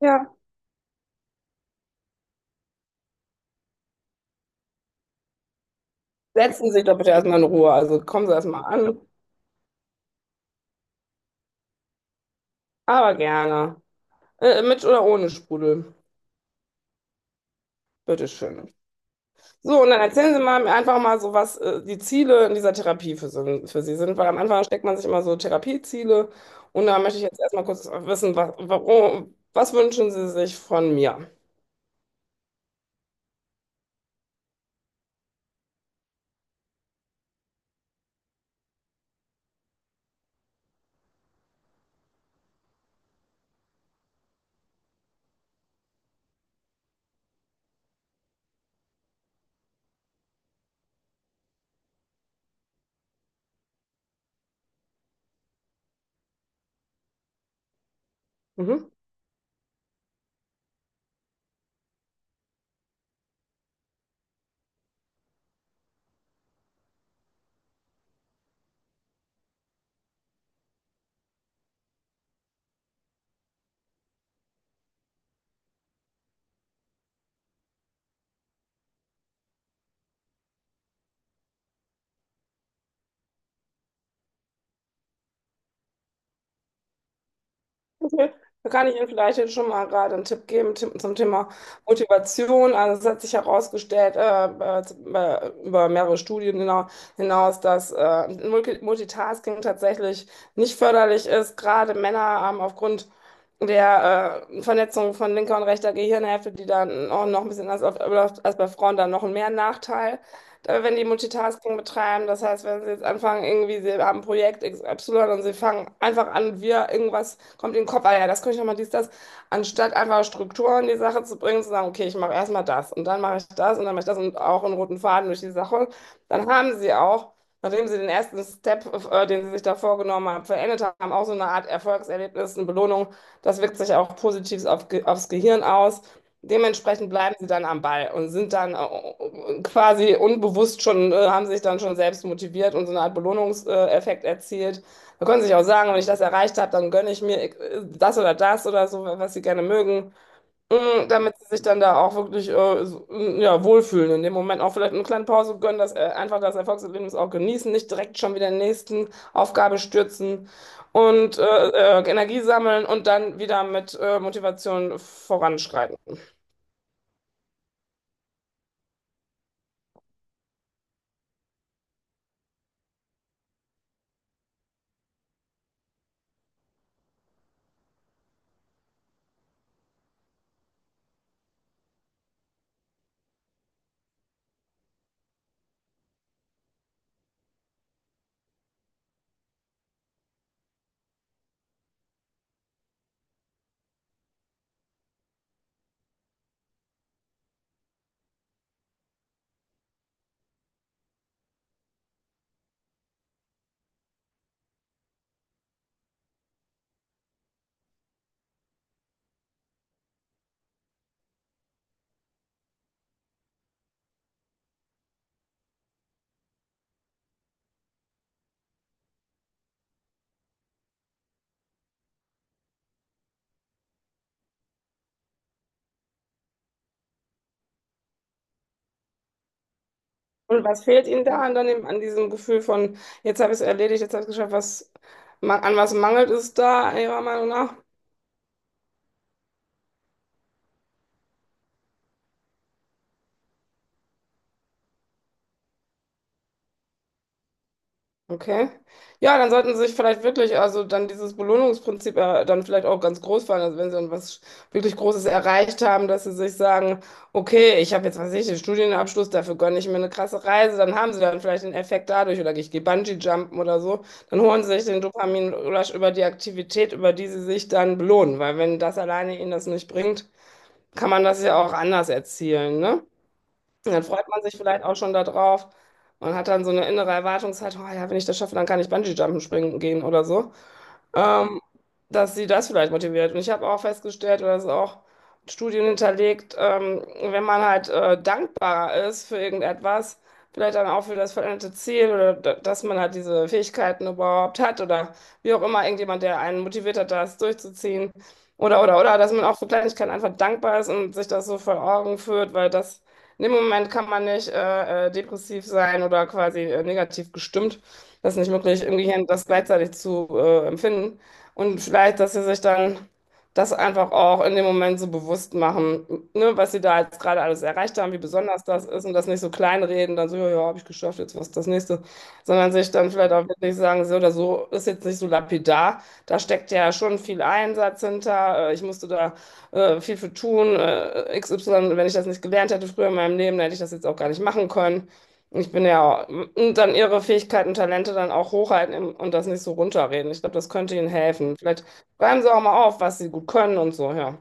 Ja, setzen Sie sich doch bitte erstmal in Ruhe. Also kommen Sie erstmal an. Aber gerne. Mit oder ohne Sprudel. Bitteschön. So, und dann erzählen Sie mal einfach mal so, was die Ziele in dieser Therapie für Sie sind, weil am Anfang steckt man sich immer so Therapieziele. Und da möchte ich jetzt erstmal kurz wissen, was, warum, was wünschen Sie sich von mir? Mhm. Okay. Da kann ich Ihnen vielleicht jetzt schon mal gerade einen Tipp geben Tipp zum Thema Motivation. Also es hat sich herausgestellt, über mehrere Studien hinaus, dass Multitasking tatsächlich nicht förderlich ist. Gerade Männer haben aufgrund der Vernetzung von linker und rechter Gehirnhälfte, die dann auch noch ein bisschen anders abläuft als bei Frauen, dann noch mehr Nachteil, wenn die Multitasking betreiben. Das heißt, wenn sie jetzt anfangen, irgendwie, sie haben Projekt X, Y und sie fangen einfach an, irgendwas kommt in den Kopf, ah ja, das könnte ich nochmal, dies, das, anstatt einfach Strukturen in die Sache zu bringen, zu sagen, okay, ich mache erstmal das und dann mache ich das und dann mache ich das und auch einen roten Faden durch die Sache, dann haben sie auch, nachdem sie den ersten Step, den sie sich da vorgenommen haben, verendet haben, auch so eine Art Erfolgserlebnis, eine Belohnung, das wirkt sich auch positiv aufs Gehirn aus. Dementsprechend bleiben sie dann am Ball und sind dann quasi unbewusst schon, haben sich dann schon selbst motiviert und so eine Art Belohnungseffekt erzielt. Da können sie sich auch sagen, wenn ich das erreicht habe, dann gönne ich mir das oder das oder so, was sie gerne mögen, Mm, damit sie sich dann da auch wirklich so, ja, wohlfühlen. In dem Moment auch vielleicht eine kleine Pause gönnen, einfach das Erfolgserlebnis auch genießen, nicht direkt schon wieder in die nächsten Aufgabe stürzen und Energie sammeln und dann wieder mit Motivation voranschreiten. Und was fehlt Ihnen da an, dem, an diesem Gefühl von, jetzt habe ich es erledigt, jetzt habe ich es geschafft, was, ma- an was mangelt es da Ihrer Meinung nach? Okay. Ja, dann sollten Sie sich vielleicht wirklich, also dann dieses Belohnungsprinzip dann vielleicht auch ganz groß fahren, also wenn Sie dann was wirklich Großes erreicht haben, dass Sie sich sagen, okay, ich habe jetzt, was weiß ich, den Studienabschluss, dafür gönne ich mir eine krasse Reise, dann haben Sie dann vielleicht den Effekt dadurch, oder ich gehe Bungee-Jumpen oder so, dann holen Sie sich den Dopamin über die Aktivität, über die Sie sich dann belohnen, weil wenn das alleine Ihnen das nicht bringt, kann man das ja auch anders erzielen, ne? Und dann freut man sich vielleicht auch schon darauf und hat dann so eine innere Erwartungshaltung, oh ja, wenn ich das schaffe, dann kann ich Bungee-Jumpen springen gehen oder so, ähm, dass sie das vielleicht motiviert. Und ich habe auch festgestellt, oder das ist auch mit Studien hinterlegt, wenn man halt dankbarer ist für irgendetwas, vielleicht dann auch für das veränderte Ziel, dass man halt diese Fähigkeiten überhaupt hat oder wie auch immer, irgendjemand, der einen motiviert hat, das durchzuziehen. Oder dass man auch für Kleinigkeiten einfach dankbar ist und sich das so vor Augen führt, weil das, in dem Moment kann man nicht depressiv sein oder quasi negativ gestimmt, das nicht möglich, irgendwie hin, das gleichzeitig zu empfinden. Und vielleicht, dass sie sich dann das einfach auch in dem Moment so bewusst machen, ne, was sie da jetzt gerade alles erreicht haben, wie besonders das ist und das nicht so kleinreden, dann so, ja, habe ich geschafft, jetzt was ist das nächste, sondern sich dann vielleicht auch wirklich sagen, so oder so, ist jetzt nicht so lapidar, da steckt ja schon viel Einsatz hinter, ich musste da viel für tun, XY, wenn ich das nicht gelernt hätte früher in meinem Leben, dann hätte ich das jetzt auch gar nicht machen können. Ich bin ja und Dann ihre Fähigkeiten, Talente dann auch hochhalten und das nicht so runterreden. Ich glaube, das könnte ihnen helfen. Vielleicht schreiben sie auch mal auf, was sie gut können und so, ja.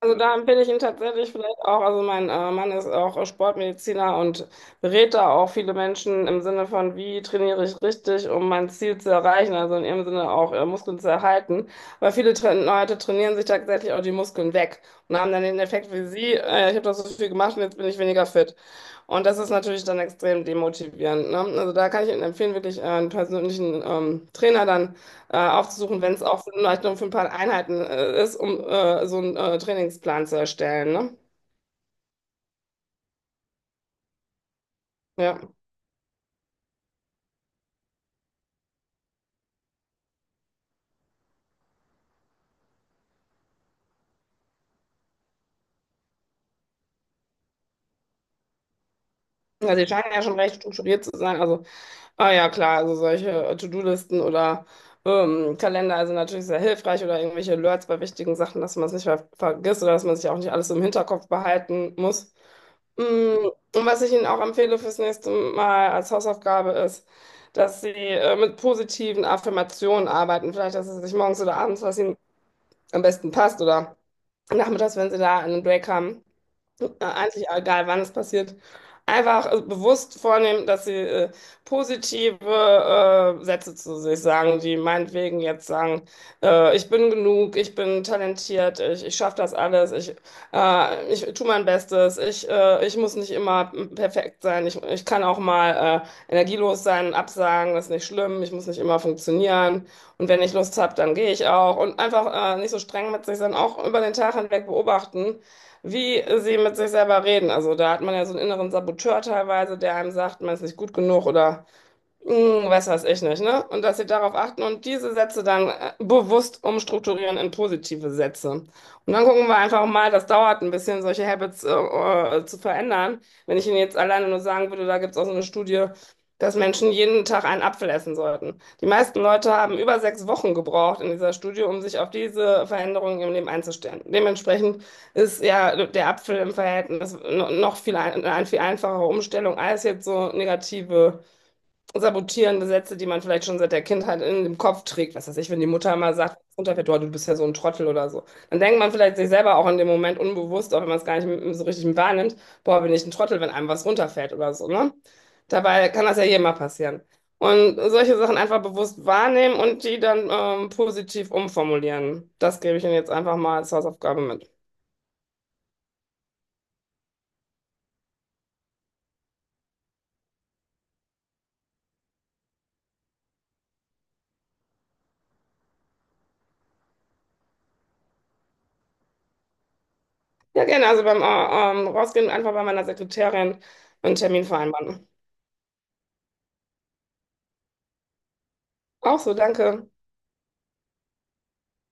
Also da empfehle ich ihn tatsächlich vielleicht auch. Also mein Mann ist auch Sportmediziner und berät da auch viele Menschen im Sinne von, wie trainiere ich richtig, um mein Ziel zu erreichen, also in ihrem Sinne auch Muskeln zu erhalten. Weil viele Tra Leute trainieren sich tatsächlich auch die Muskeln weg und haben dann den Effekt wie Sie, ich habe doch so viel gemacht und jetzt bin ich weniger fit. Und das ist natürlich dann extrem demotivierend, ne? Also da kann ich Ihnen empfehlen, wirklich einen persönlichen Trainer dann aufzusuchen, wenn es auch vielleicht nur für ein paar Einheiten ist, um so einen Trainingsplan zu erstellen. Ne? Ja, also die scheinen ja schon recht strukturiert zu sein. Also, ah ja, klar, also solche To-Do-Listen oder Kalender sind natürlich sehr hilfreich oder irgendwelche Alerts bei wichtigen Sachen, dass man es nicht vergisst oder dass man sich auch nicht alles im Hinterkopf behalten muss. Mm, Und was ich Ihnen auch empfehle fürs nächste Mal als Hausaufgabe ist, dass Sie mit positiven Affirmationen arbeiten. Vielleicht, dass Sie sich morgens oder abends, was Ihnen am besten passt, oder nachmittags, wenn sie da in den Break haben. So, eigentlich egal, wann es passiert. Einfach bewusst vornehmen, dass sie positive Sätze zu sich sagen, die meinetwegen jetzt sagen, ich bin genug, ich bin talentiert, ich schaffe das alles, ich tue mein Bestes, ich muss nicht immer perfekt sein, ich kann auch mal energielos sein, absagen, das ist nicht schlimm, ich muss nicht immer funktionieren, und wenn ich Lust habe, dann gehe ich auch, und einfach nicht so streng mit sich sein, auch über den Tag hinweg beobachten, wie sie mit sich selber reden. Also da hat man ja so einen inneren Saboteur teilweise, der einem sagt, man ist nicht gut genug oder hm, weiß was ich nicht, ne? Und dass sie darauf achten und diese Sätze dann bewusst umstrukturieren in positive Sätze. Und dann gucken wir einfach mal, das dauert ein bisschen, solche Habits zu verändern. Wenn ich Ihnen jetzt alleine nur sagen würde, da gibt es auch so eine Studie, dass Menschen jeden Tag einen Apfel essen sollten. Die meisten Leute haben über 6 Wochen gebraucht in dieser Studie, um sich auf diese Veränderungen im Leben einzustellen. Dementsprechend ist ja der Apfel im Verhältnis noch viel eine viel einfachere Umstellung als jetzt so negative sabotierende Sätze, die man vielleicht schon seit der Kindheit in dem Kopf trägt. Was weiß ich, wenn die Mutter mal sagt, runterfährt, oh, du bist ja so ein Trottel oder so. Dann denkt man vielleicht sich selber auch in dem Moment unbewusst, auch wenn man es gar nicht so richtig wahrnimmt, boah, bin ich ein Trottel, wenn einem was runterfällt oder so, ne? Dabei kann das ja jedem mal passieren. Und solche Sachen einfach bewusst wahrnehmen und die dann positiv umformulieren. Das gebe ich Ihnen jetzt einfach mal als Hausaufgabe mit. Ja, gerne. Also beim Rausgehen einfach bei meiner Sekretärin einen Termin vereinbaren. Auch so, danke.